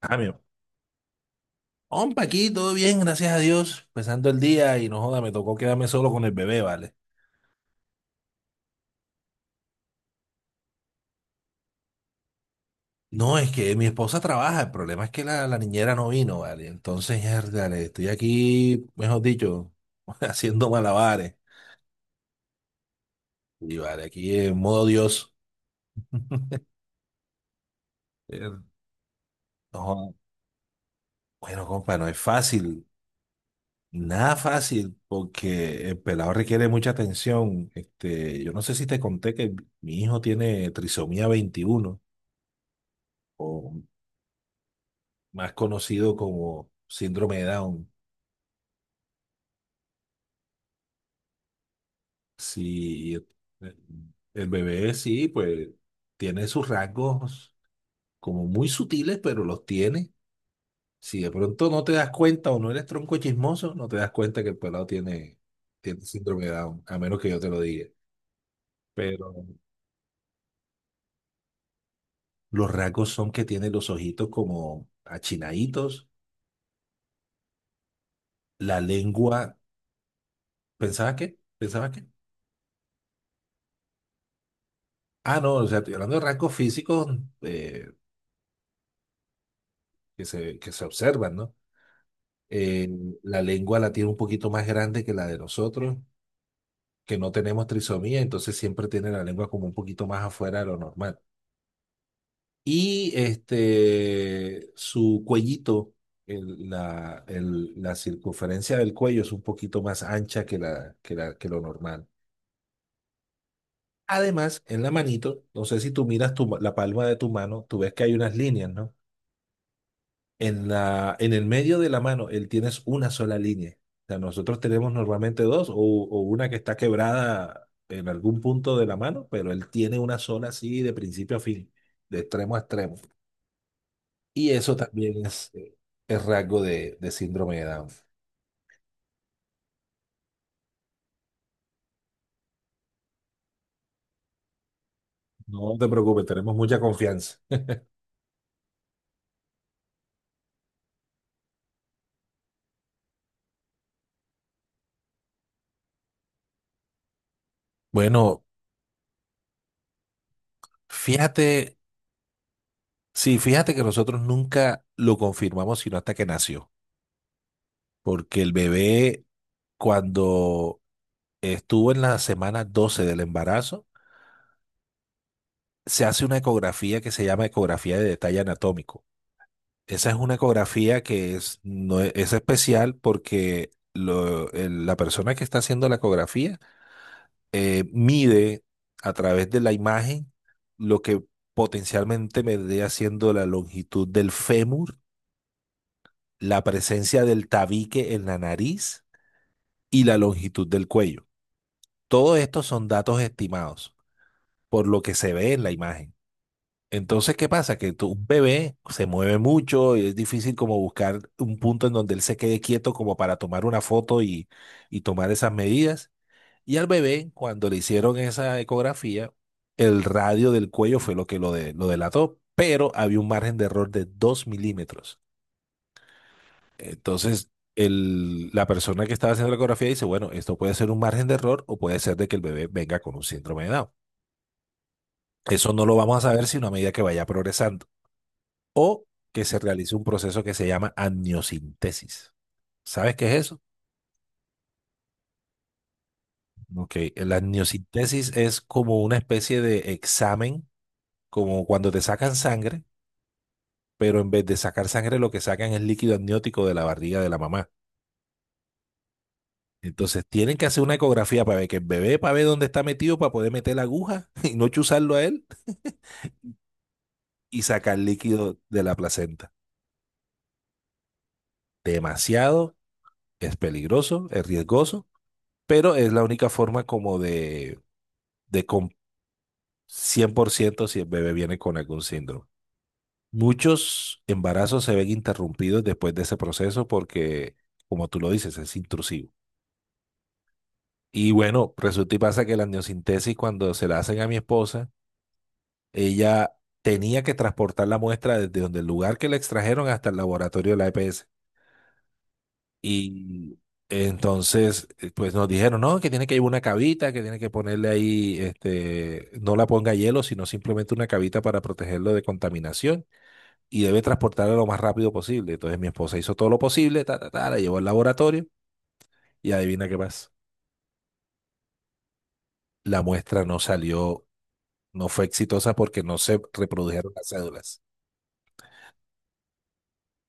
Amigo, mío. Hompa, aquí todo bien, gracias a Dios. Empezando el día y no joda, me tocó quedarme solo con el bebé, ¿vale? No, es que mi esposa trabaja, el problema es que la niñera no vino, ¿vale? Entonces, dale, estoy aquí, mejor dicho, haciendo malabares. Y vale, aquí en modo Dios. Eh, no joda. Bueno, compa, no es fácil, nada fácil, porque el pelado requiere mucha atención. Este, yo no sé si te conté que mi hijo tiene trisomía 21, o más conocido como síndrome de Down. Si, el bebé sí, pues tiene sus rasgos como muy sutiles, pero los tiene. Si de pronto no te das cuenta o no eres tronco chismoso, no te das cuenta que el pelado tiene síndrome de Down, a menos que yo te lo diga. Pero los rasgos son que tiene los ojitos como achinaditos, la lengua. ¿Pensabas qué? ¿Pensabas qué? Ah, no, o sea, estoy hablando de rasgos físicos, eh, que se observan, ¿no? eh, la lengua la tiene un poquito más grande que la de nosotros, que no tenemos trisomía, entonces siempre tiene la lengua como un poquito más afuera de lo normal. Y este, su cuellito, la circunferencia del cuello es un poquito más ancha que lo normal. Además, en la manito, no sé si tú miras tu la palma de tu mano, tú ves que hay unas líneas, ¿no? En el medio de la mano, él tienes una sola línea. O sea, nosotros tenemos normalmente dos o una que está quebrada en algún punto de la mano, pero él tiene una sola así de principio a fin, de extremo a extremo. Y eso también es rasgo de síndrome de Down. No te preocupes, tenemos mucha confianza. Bueno, fíjate, sí, fíjate que nosotros nunca lo confirmamos sino hasta que nació, porque el bebé cuando Estuvo en la semana 12 del embarazo. Se hace una ecografía que se llama ecografía de detalle anatómico. Esa es una ecografía que es, no es, es especial porque la persona que está haciendo la ecografía, mide a través de la imagen lo que potencialmente me dé haciendo la longitud del fémur, la presencia del tabique en la nariz y la longitud del cuello. Todo esto son datos estimados por lo que se ve en la imagen. Entonces, ¿qué pasa? Que tu un bebé se mueve mucho y es difícil como buscar un punto en donde él se quede quieto como para tomar una foto y tomar esas medidas. Y al bebé, cuando le hicieron esa ecografía, el radio del cuello fue lo que lo delató, pero había un margen de error de 2 milímetros. Entonces, la persona que estaba haciendo la ecografía dice, bueno, esto puede ser un margen de error o puede ser de que el bebé venga con un síndrome de Down. Eso no lo vamos a saber sino a medida que vaya progresando, que se realice un proceso que se llama amniocentesis. ¿Sabes qué es eso? Ok, la amniocentesis es como una especie de examen, como cuando te sacan sangre, pero en vez de sacar sangre lo que sacan es líquido amniótico de la barriga de la mamá. Entonces tienen que hacer una ecografía para ver que el bebé, para ver dónde está metido, para poder meter la aguja y no chuzarlo a él y sacar líquido de la placenta. Demasiado, es peligroso, es riesgoso, pero es la única forma como de, com- 100% si el bebé viene con algún síndrome. Muchos embarazos se ven interrumpidos después de ese proceso porque, como tú lo dices, es intrusivo. Y bueno, resulta y pasa que la amniocentesis, cuando se la hacen a mi esposa, ella tenía que transportar la muestra desde donde el lugar que la extrajeron hasta el laboratorio de la EPS. Y entonces, pues nos dijeron, no, que tiene que llevar una cavita, que tiene que ponerle ahí, este, no la ponga hielo, sino simplemente una cavita para protegerlo de contaminación y debe transportarla lo más rápido posible. Entonces mi esposa hizo todo lo posible, ta, ta, ta, la llevó al laboratorio y adivina qué pasa. La muestra no salió, no fue exitosa porque no se reprodujeron las cédulas.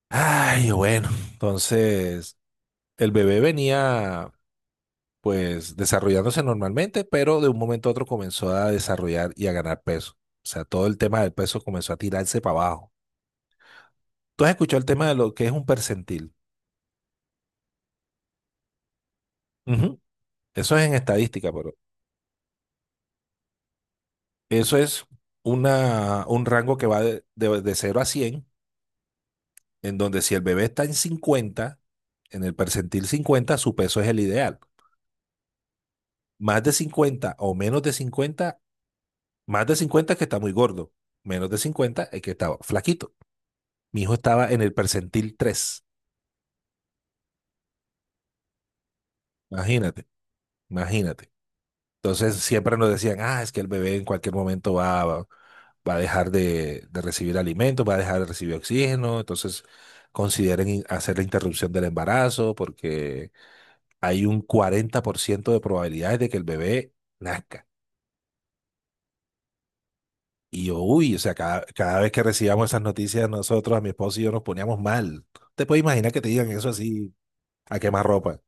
Ay, bueno, entonces el bebé venía pues desarrollándose normalmente, pero de un momento a otro comenzó a desarrollar y a ganar peso. O sea, todo el tema del peso comenzó a tirarse para abajo. ¿Tú has escuchado el tema de lo que es un percentil? Ujú. Eso es en estadística, pero eso es una, un rango que va de 0 a 100, en donde si el bebé está en cincuenta, en el percentil 50 su peso es el ideal. Más de 50 o menos de cincuenta, más de 50 es que está muy gordo, menos de cincuenta es que está flaquito. Mi hijo estaba en el percentil 3, imagínate, imagínate. Entonces siempre nos decían, ah, es que el bebé en cualquier momento va a dejar de recibir alimento, va a dejar de recibir oxígeno, entonces consideren hacer la interrupción del embarazo porque hay un 40% de probabilidades de que el bebé nazca. Y yo, uy, o sea, cada vez que recibíamos esas noticias nosotros, a mi esposo y yo nos poníamos mal. Te puedes imaginar que te digan eso así a quemarropa.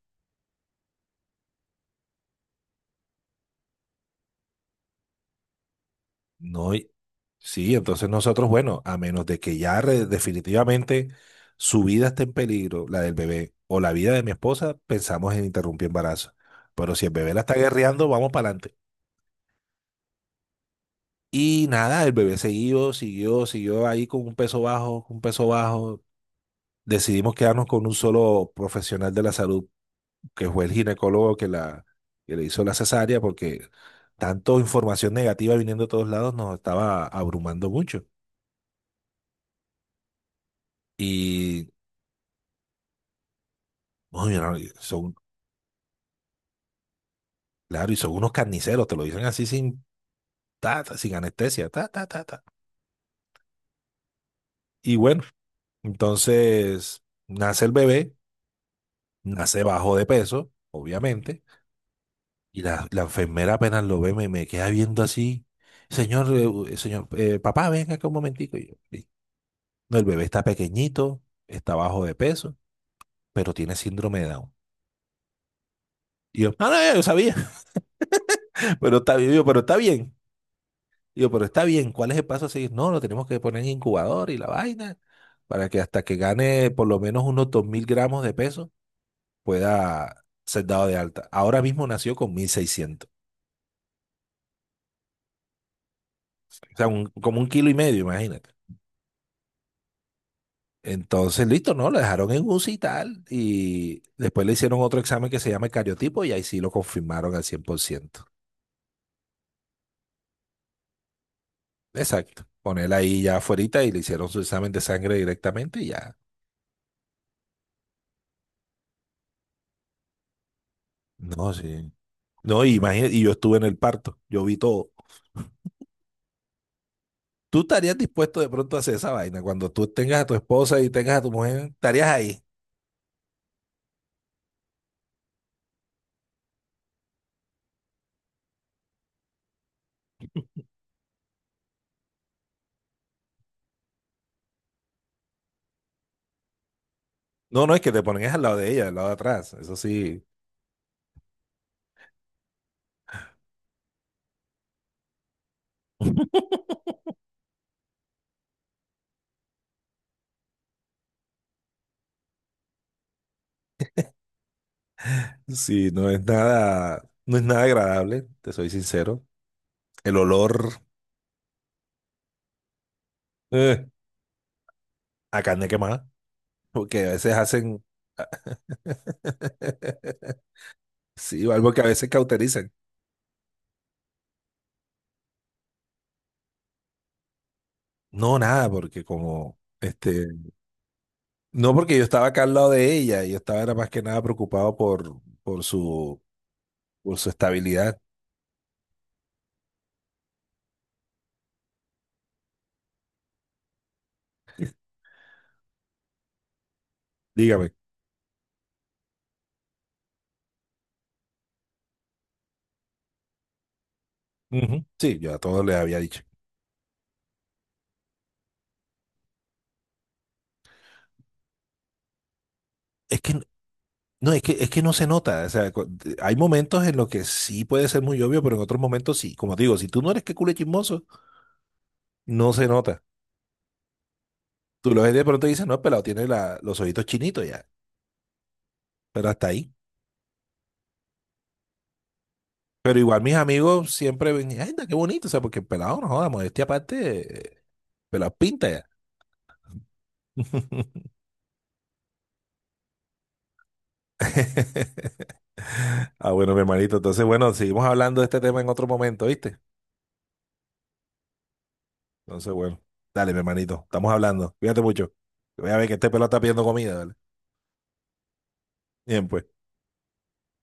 No, sí, entonces nosotros, bueno, a menos de que ya definitivamente su vida esté en peligro, la del bebé o la vida de mi esposa, pensamos en interrumpir embarazo. Pero si el bebé la está guerreando, vamos para adelante. Y nada, el bebé siguió, siguió, siguió ahí con un peso bajo, con un peso bajo. Decidimos quedarnos con un solo profesional de la salud, que fue el ginecólogo que le hizo la cesárea, porque tanto información negativa viniendo de todos lados nos estaba abrumando mucho. Y uy, no, son, claro, y son unos carniceros, te lo dicen así sin, ta, ta, sin anestesia, ta, ta, ta, ta. Y bueno, entonces nace el bebé, nace bajo de peso, obviamente, y la enfermera apenas lo ve, me queda viendo así, señor, señor, papá, venga acá un momentico. Y yo, "Sí". No, el bebé está pequeñito, está bajo de peso, pero tiene síndrome de Down. Y yo, ah, no, ya yo sabía, pero está, bien, pero está bien. Digo, pero está bien, ¿cuál es el paso a seguir? No, lo tenemos que poner en incubador y la vaina, para que hasta que gane por lo menos unos 2000 gramos de peso pueda ser dado de alta. Ahora mismo nació con 1600, o sea, como un kilo y medio, imagínate. Entonces, listo, ¿no? Lo dejaron en UCI y tal, y después le hicieron otro examen que se llama el cariotipo y ahí sí lo confirmaron al 100%. Exacto. Ponerla ahí ya afuerita y le hicieron su examen de sangre directamente y ya. No, sí. No, imagínate, y yo estuve en el parto, yo vi todo. ¿Tú estarías dispuesto de pronto a hacer esa vaina? Cuando tú tengas a tu esposa y tengas a tu mujer, estarías ahí. No, no es que te pones al lado de ella, al lado de atrás. Eso sí, sí, no es nada, no es nada agradable, te soy sincero. El olor, eh, a carne quemada, porque a veces hacen, sí, algo que a veces cauterizan. No, nada, porque como, este, no porque yo estaba acá al lado de ella, yo estaba era más que nada preocupado por su estabilidad. Dígame. Ujú. Sí, yo a todos les había dicho. Es que no, es que no se nota. O sea, hay momentos en los que sí puede ser muy obvio, pero en otros momentos sí. Como te digo, si tú no eres que culo chismoso, no se nota. Tú lo ves de pronto y dices, no, el pelado tiene los ojitos chinitos ya. Pero hasta ahí. Pero igual mis amigos siempre ven, ay, anda, qué bonito. O sea, porque el pelado no joda, modestia aparte, pelado pinta ya. Ah, bueno, mi hermanito. Entonces, bueno, seguimos hablando de este tema en otro momento, ¿viste? Entonces, bueno, dale, mi hermanito, estamos hablando. Cuídate mucho. Voy a ver que este pelo está pidiendo comida, dale. Bien, pues.